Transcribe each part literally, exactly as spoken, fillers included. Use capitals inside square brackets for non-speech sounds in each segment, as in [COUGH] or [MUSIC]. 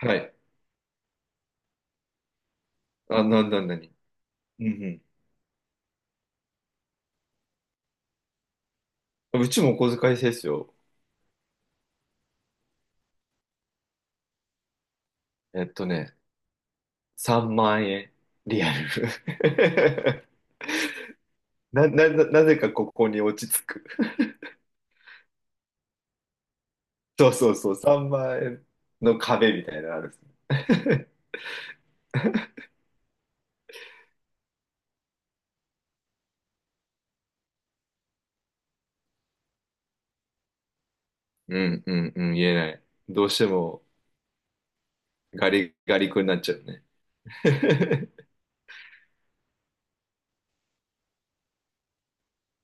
はい。あ、なんななに。うんうん。うちもお小遣い制ですよ。えっとね、さんまん円。リアル。[LAUGHS] な、な、ななぜかここに落ち着く。[LAUGHS] そうそうそう、さんまん円の壁みたいなのあるんですね。[LAUGHS] うんうんうん、言えない。どうしてもガリガリ君になっちゃうね。[LAUGHS]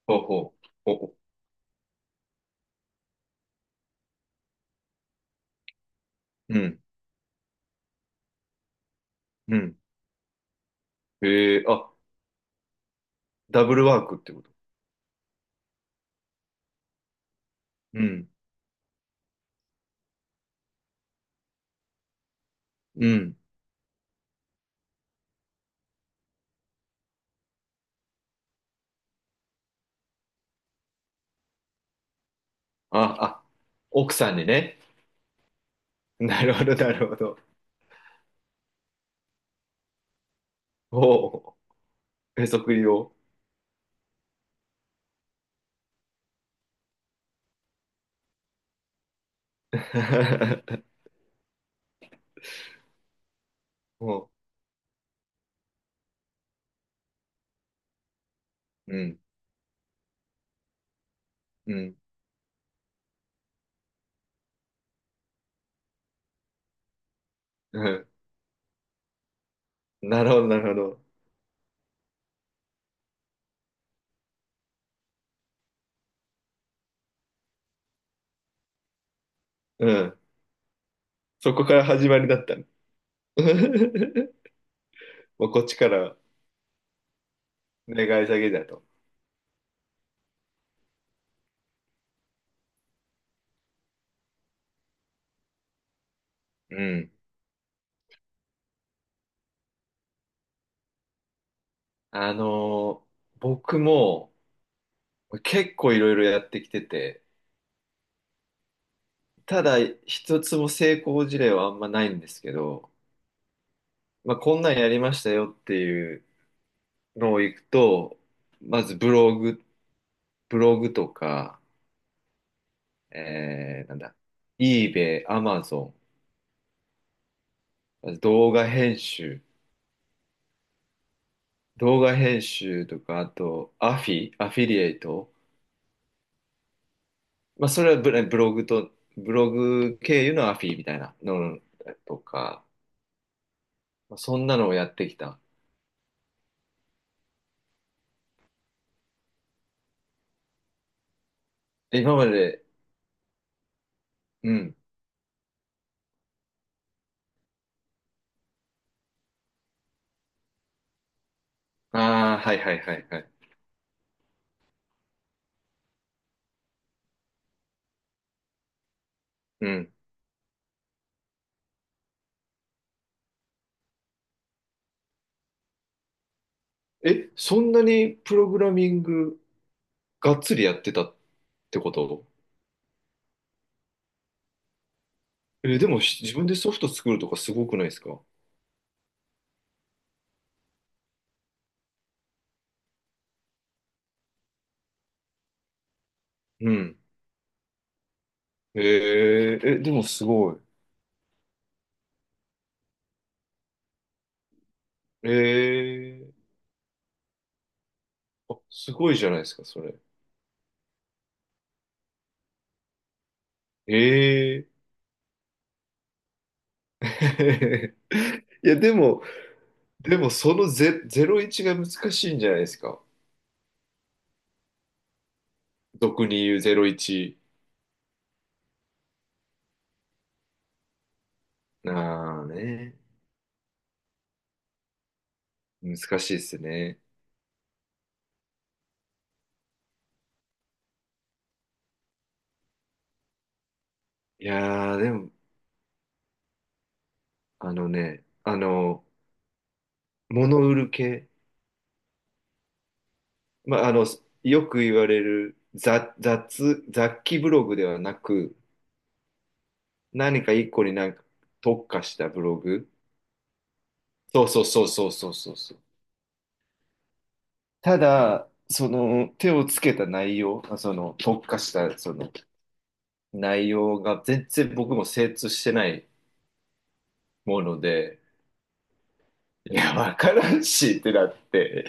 ほうほう。お、おうん、うん。ええあ、ダブルワークってこと。うん、うん。あ、あ、奥さんにね。なるほど、なるほど。おへそくりを。[LAUGHS] もう、うん、うん、[LAUGHS] うん。なるほど、なるほど。うん。そこから始まりだったの。[LAUGHS] もうこっちから願い下げだと。うん。あのー僕も結構いろいろやってきてて、ただ一つも成功事例はあんまないんですけど、まあ、こんなんやりましたよっていうのを行くと、まずブログ、ブログとか、えー、なんだ、eBay、Amazon、動画編集、動画編集とか、あと、アフィ、アフィリエイト。まあ、それはブロブログと、ブログ経由のアフィみたいなのとか、まあ、そんなのをやってきた。え今まで、うん。ああ、はいはいはいはい。うん。え、そんなにプログラミングがっつりやってたってこと？え、でもし自分でソフト作るとかすごくないですか？うん。えー、え、でもすごい。えー、あ、すごいじゃないですか、それ。ええ。 [LAUGHS] いや、でも、でも、そのゼ、ゼロイチが難しいんじゃないですか。俗に言うゼロイチ。ああね。難しいですね。いやー、でも、あのね、あの、物売る系。まあ、あの、よく言われる雑、雑、雑記ブログではなく、何か一個になんか特化したブログ。そうそうそうそうそうそうそう。ただ、その手をつけた内容、その特化したその内容が全然僕も精通してないもので、いや、わからんしってなって、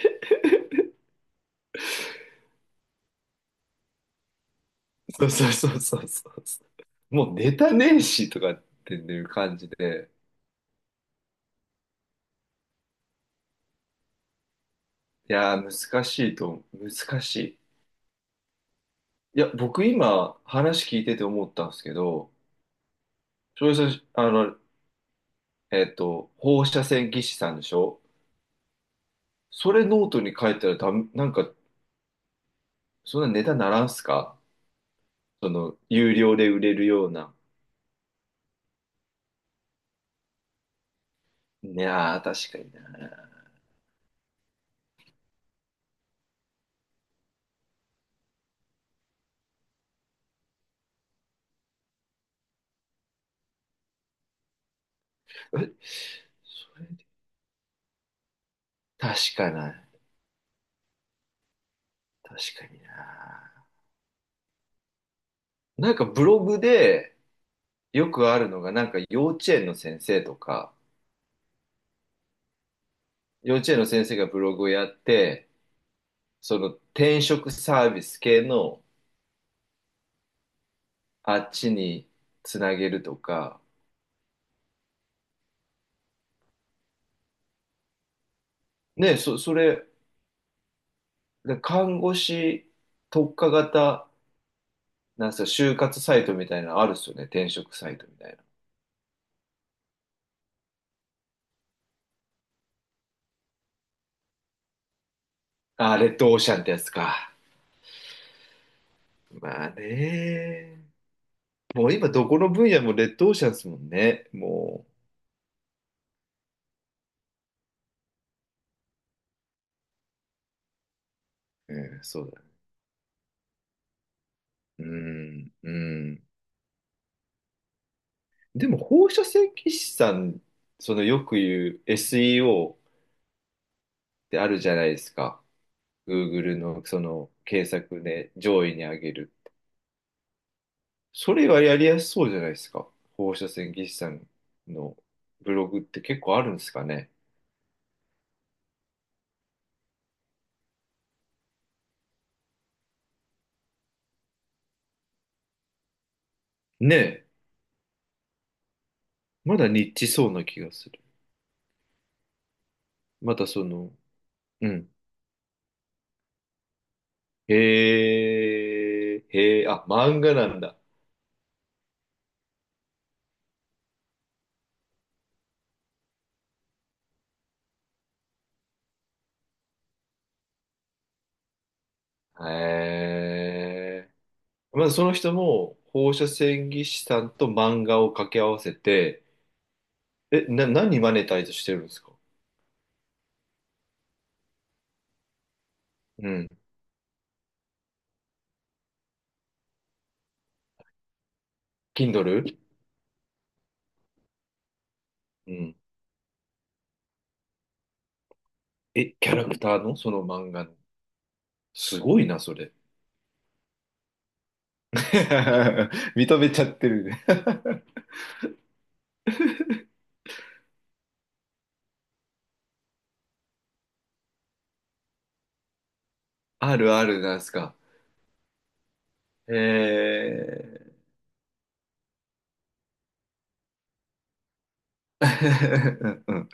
[LAUGHS] そうそうそうそうそう、もうネタねえしとかっていう感じで、いやー、難しいと、難しい。いや、僕今話聞いてて思ったんですけど、翔平さん、あの、えっと、放射線技師さんでしょ？それノートに書いたらダメ、なんか、そんなネタならんすか？その、有料で売れるような。いやー、確かにな。えそれで確かな、確かにな。なんかブログでよくあるのが、なんか幼稚園の先生とか、幼稚園の先生がブログをやって、その転職サービス系のあっちにつなげるとか、ね、そ、それ、看護師特化型、なんすか、就活サイトみたいなのあるっすよね、転職サイトみたいな。あ、レッドオーシャンってやつか。まあね。もう今どこの分野もレッドオーシャンですもんね。もう、うんそうだ。うん、うん。でも放射線技師さん、そのよく言う エスイーオー ってあるじゃないですか。Google のその検索で上位に上げる。それはやりやすそうじゃないですか。放射線技師さんのブログって結構あるんですかね。ねえ。まだニッチそうな気がする。またその、うん。へえ、へえ、あ、漫画なんだ。へえ。まずその人も放射線技師さんと漫画を掛け合わせて、え、な、何マネタイズしてるんですか？うん。Kindle？ うん。え、キャラクターのその漫画の。すごいな、それ。[LAUGHS] 認めちゃってるね。 [LAUGHS] あるあるなんですか。へえ。[LAUGHS] うんうん。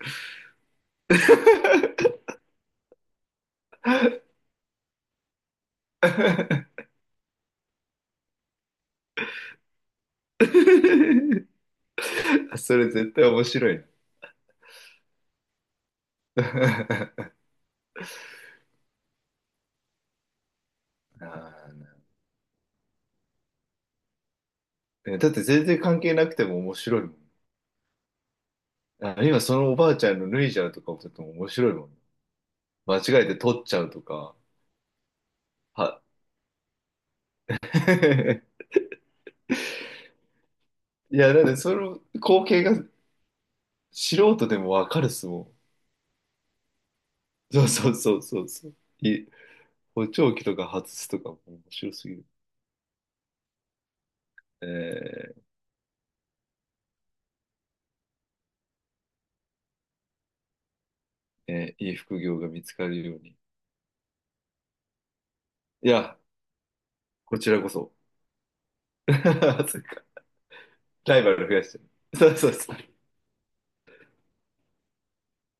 [LAUGHS]。それ絶対面白いな。[LAUGHS] あーねだって全然関係なくても面白いもん。あ、今そのおばあちゃんの脱いじゃうとかもちょっと面白いもん。間違えて取っちゃうとか。は。[LAUGHS] いや、だってその光景が素人でもわかるっすもん。そうそうそうそうそう。い、補聴器とか外すとかも面白すぎる。えーえーいい副業が見つかるように。いや、こちらこそ。[LAUGHS] そっか。ライバル増やしてる。そうそうそう。